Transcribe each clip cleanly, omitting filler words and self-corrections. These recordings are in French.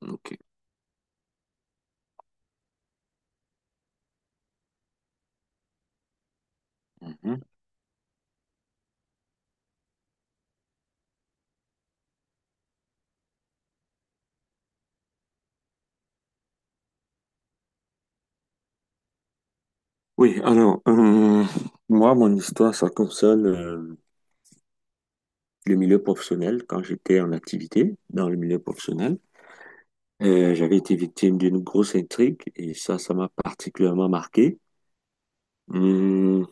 Ok. Mhm. Oui, alors, moi, mon histoire, ça concerne le milieu professionnel. Quand j'étais en activité dans le milieu professionnel, j'avais été victime d'une grosse intrigue et ça m'a particulièrement marqué. Hum,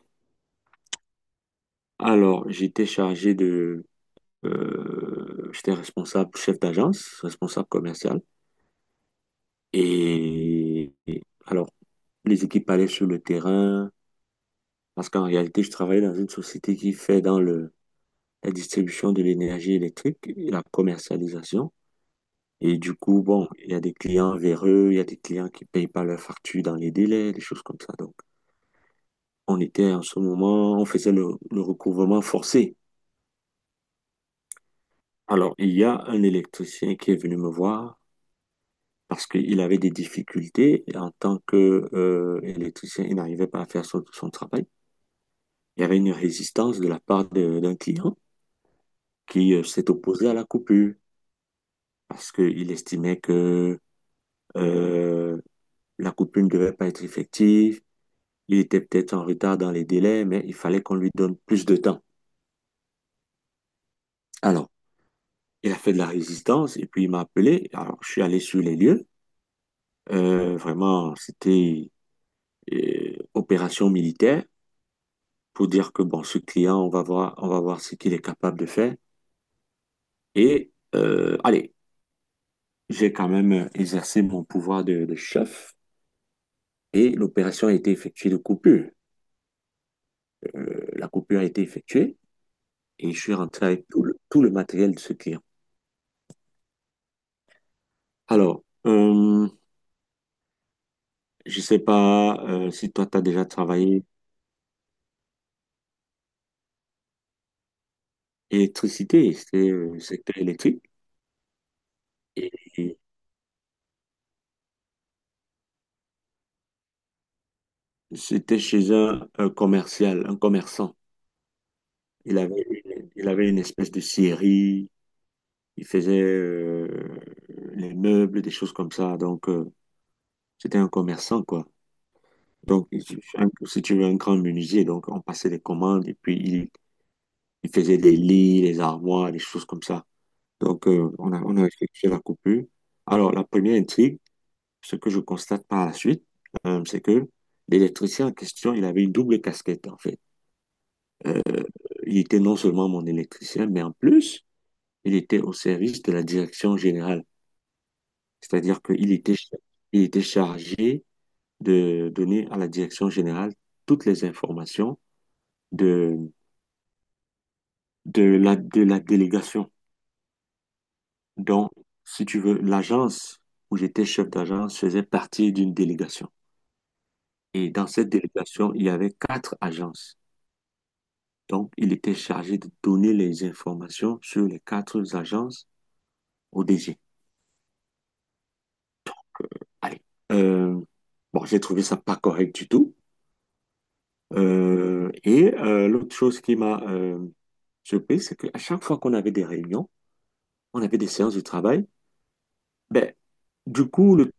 alors, j'étais responsable, chef d'agence, responsable commercial. Et alors, les équipes allaient sur le terrain parce qu'en réalité, je travaillais dans une société qui fait dans le la distribution de l'énergie électrique et la commercialisation. Et du coup, bon, il y a des clients véreux, il y a des clients qui payent pas leurs factures dans les délais, des choses comme ça. Donc, on était en ce moment, on faisait le recouvrement forcé. Alors, il y a un électricien qui est venu me voir parce qu'il avait des difficultés en tant que électricien, il n'arrivait pas à faire son travail. Il y avait une résistance de la part d'un client qui s'est opposé à la coupure parce qu'il estimait que euh, la coupure ne devait pas être effective. Il était peut-être en retard dans les délais, mais il fallait qu'on lui donne plus de temps. Alors, il a fait de la résistance et puis il m'a appelé. Alors, je suis allé sur les lieux. Vraiment, c'était opération militaire pour dire que bon, ce client, on va voir ce qu'il est capable de faire. Et allez, j'ai quand même exercé mon pouvoir de chef et l'opération a été effectuée de coupure. La coupure a été effectuée et je suis rentré avec tout le matériel de ce client. Alors, je sais pas si toi, tu as déjà travaillé électricité, c'est secteur électrique. Et, et c'était chez un commercial, un commerçant. Il avait, il avait une espèce de scierie, il faisait les meubles, des choses comme ça. Donc, c'était un commerçant, quoi. Donc, il- Si tu veux, un grand menuisier. Donc, on passait des commandes et puis il faisait des lits, des armoires, des choses comme ça. Donc, on a effectué la coupure. Alors, la première intrigue, ce que je constate par la suite, c'est que l'électricien en question, il avait une double casquette, en fait. Euh, il était non seulement mon électricien, mais en plus, il était au service de la direction générale. C'est-à-dire qu'il était, il était chargé de donner à la direction générale toutes les informations de, de de la délégation. Donc, si tu veux, l'agence où j'étais chef d'agence faisait partie d'une délégation. Et dans cette délégation, il y avait quatre agences. Donc, il était chargé de donner les informations sur les quatre agences au DG. Allez. Euh, bon, j'ai trouvé ça pas correct du tout. L'autre chose qui m'a surpris, c'est qu'à chaque fois qu'on avait des réunions, on avait des séances de travail, ben, du coup, le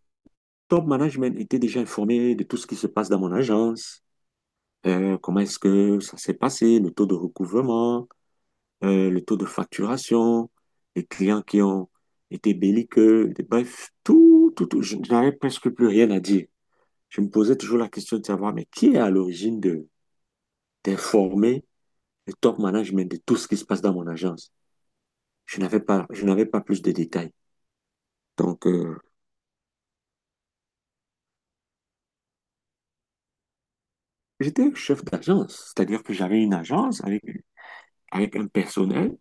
top management était déjà informé de tout ce qui se passe dans mon agence, comment est-ce que ça s'est passé, le taux de recouvrement, le taux de facturation, les clients qui ont été belliqueux, bref, tout, tout, tout. Je n'avais presque plus rien à dire. Je me posais toujours la question de savoir, mais qui est à l'origine de d'informer le top management de tout ce qui se passe dans mon agence? Je n'avais pas plus de détails. Donc, j'étais chef d'agence, c'est-à-dire que j'avais une agence avec, avec un personnel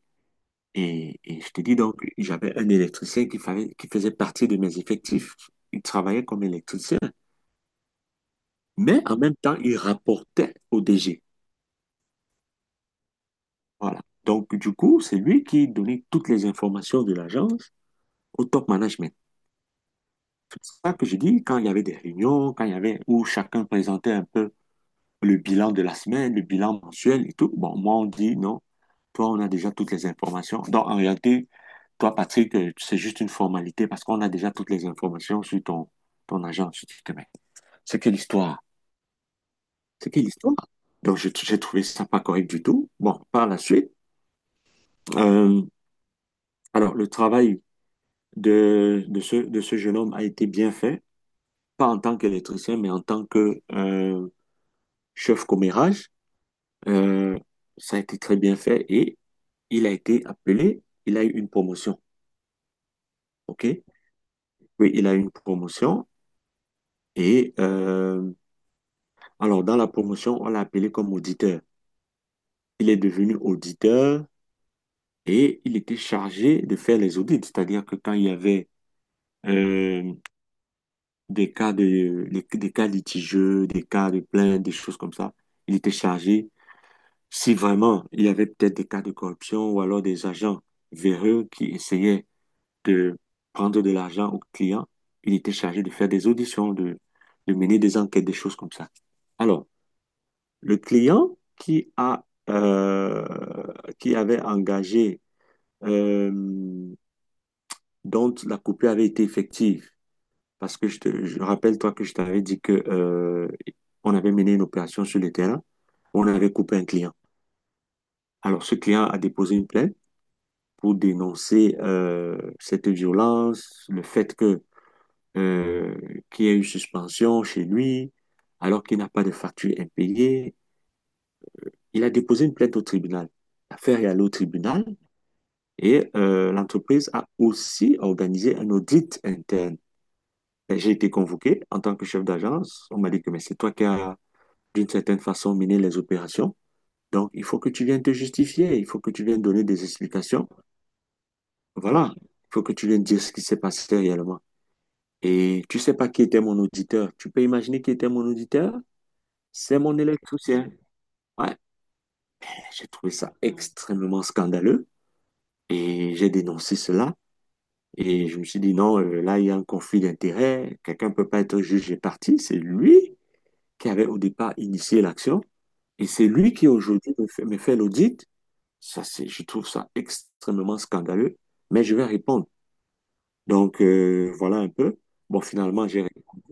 et je te dis donc, j'avais un électricien qui faisait partie de mes effectifs. Il travaillait comme électricien, mais en même temps, il rapportait au DG. Voilà. Donc, du coup, c'est lui qui donnait toutes les informations de l'agence au top management. C'est ça que je dis, quand il y avait des réunions, quand il y avait où chacun présentait un peu le bilan de la semaine, le bilan mensuel et tout, bon, moi, on dit non, toi, on a déjà toutes les informations. Donc, en réalité, toi, Patrick, c'est juste une formalité parce qu'on a déjà toutes les informations sur ton agence. Je dis, putain, mais c'est quelle histoire? C'est quelle histoire? Donc, j'ai trouvé ça pas correct du tout. Bon, par la suite, euh, alors, le travail de ce jeune homme a été bien fait, pas en tant qu'électricien, mais en tant que chef commérage. Euh, Ça a été très bien fait et il a été appelé, il a eu une promotion. OK? Oui, il a eu une promotion. Et alors, dans la promotion, on l'a appelé comme auditeur. Il est devenu auditeur et il était chargé de faire les audits, c'est-à-dire que quand il y avait euh, des des cas litigieux, des cas de plaintes, des choses comme ça. Il était chargé, si vraiment il y avait peut-être des cas de corruption ou alors des agents véreux qui essayaient de prendre de l'argent aux clients, il était chargé de faire des auditions, de mener des enquêtes, des choses comme ça. Alors, le client qui a, qui avait engagé, euh, dont la coupure avait été effective, parce que je rappelle, toi, que je t'avais dit que, on avait mené une opération sur le terrain. On avait coupé un client. Alors, ce client a déposé une plainte pour dénoncer cette violence, le fait que euh, qu'il y a eu suspension chez lui, alors qu'il n'a pas de facture impayée. Il a déposé une plainte au tribunal. L'affaire est allée au tribunal et l'entreprise a aussi organisé un audit interne. Et j'ai été convoqué en tant que chef d'agence. On m'a dit que mais c'est toi qui as d'une certaine façon mener les opérations. Donc, il faut que tu viennes te justifier, il faut que tu viennes donner des explications. Voilà, il faut que tu viennes dire ce qui s'est passé réellement. Et tu sais pas qui était mon auditeur. Tu peux imaginer qui était mon auditeur? C'est mon électricien. Ouais, j'ai trouvé ça extrêmement scandaleux et j'ai dénoncé cela. Et je me suis dit, non, là, il y a un conflit d'intérêts. Quelqu'un ne peut pas être juge et partie. C'est lui qui avait au départ initié l'action. Et c'est lui qui aujourd'hui me fait l'audit. Ça, je trouve ça extrêmement scandaleux, mais je vais répondre. Donc, voilà un peu. Bon, finalement, j'ai répondu.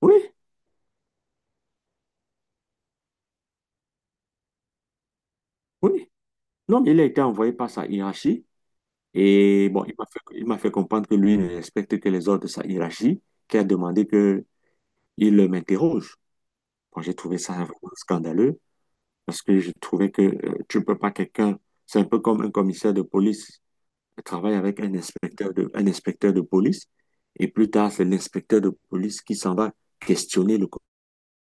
Oui, oui. Non, mais il a été envoyé par sa hiérarchie. Et bon, il m'a fait comprendre que lui ne respecte que les ordres de sa hiérarchie, qui a demandé que il m'interroge. Bon, j'ai trouvé ça vraiment scandaleux parce que je trouvais que tu ne peux pas quelqu'un, c'est un peu comme un commissaire de police travaille avec un un inspecteur de police et plus tard, c'est l'inspecteur de police qui s'en va questionner le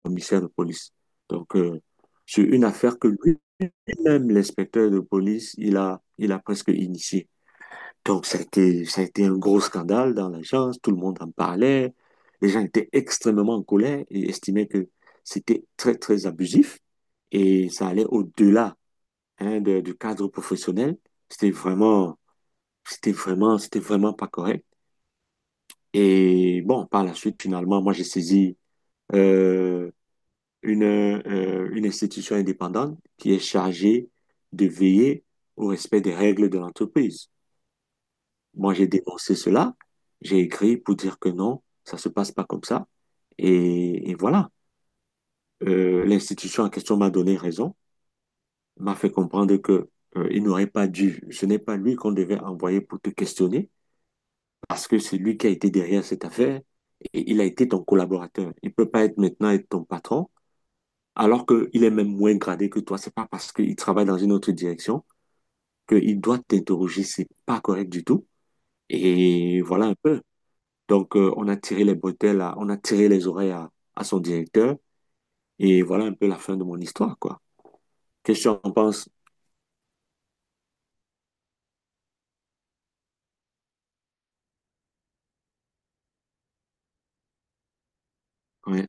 commissaire de police. Donc, sur une affaire que lui-même, l'inspecteur de police, il a presque initiée. Donc, ça a été un gros scandale dans l'agence, tout le monde en parlait, les gens étaient extrêmement en colère et estimaient que c'était très, très abusif et ça allait au-delà, hein, du cadre professionnel. C'était vraiment, C'était vraiment pas correct. Et bon, par la suite, finalement, moi, j'ai saisi, euh, une institution indépendante qui est chargée de veiller au respect des règles de l'entreprise. Moi, j'ai dénoncé cela, j'ai écrit pour dire que non, ça se passe pas comme ça. Et voilà. L'institution en question m'a donné raison, m'a fait comprendre que il n'aurait pas dû, ce n'est pas lui qu'on devait envoyer pour te questionner, parce que c'est lui qui a été derrière cette affaire et il a été ton collaborateur. Il peut pas être maintenant être ton patron alors qu'il est même moins gradé que toi. C'est pas parce qu'il travaille dans une autre direction qu'il doit t'interroger. C'est pas correct du tout. Et voilà un peu. Donc, on a tiré les bretelles, on a tiré les oreilles à son directeur. Et voilà un peu la fin de mon histoire, quoi. Qu'est-ce que tu en penses? Ouais,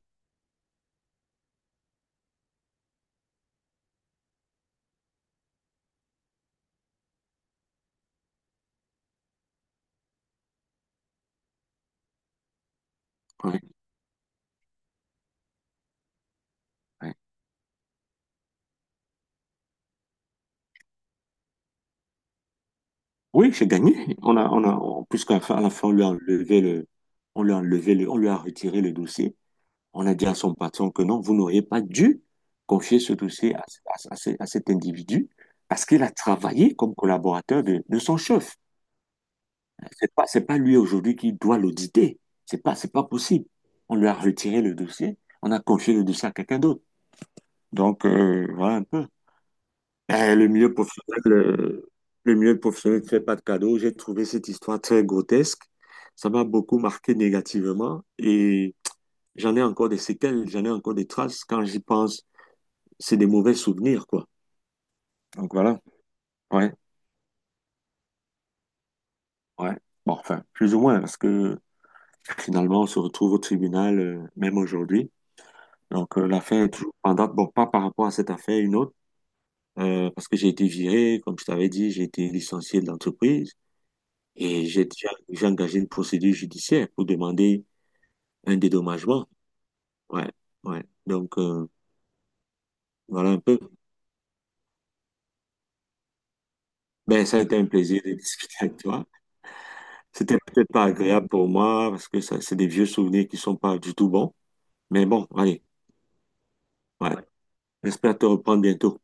ouais, ouais. Oui, j'ai gagné. Puisqu'à la fin, à la fin, on lui a enlevé le, on lui a enlevé le, on lui a retiré le dossier. On a dit à son patron que non, vous n'auriez pas dû confier ce dossier à cet individu parce qu'il a travaillé comme collaborateur de son chef. C'est pas lui aujourd'hui qui doit l'auditer. C'est pas possible. On lui a retiré le dossier. On a confié le dossier à quelqu'un d'autre. Donc, voilà un peu. Eh, le milieu professionnel ne fait pas de cadeaux. J'ai trouvé cette histoire très grotesque. Ça m'a beaucoup marqué négativement et j'en ai encore des traces quand j'y pense. C'est des mauvais souvenirs, quoi. Donc voilà, ouais, ouais. Bon, enfin, plus ou moins, parce que finalement, on se retrouve au tribunal, même aujourd'hui. Donc l'affaire est toujours en date, bon, pas par rapport à cette affaire, une autre, parce que j'ai été viré, comme je t'avais dit, j'ai été licencié de l'entreprise et j'ai engagé une procédure judiciaire pour demander un dédommagement. Ouais, ouais. Donc voilà un peu. Ben, ça a été un plaisir de discuter avec toi. C'était peut-être pas agréable pour moi parce que ça, c'est des vieux souvenirs qui sont pas du tout bons. Mais bon, allez, ouais. Ouais. J'espère te reprendre bientôt.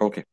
OK.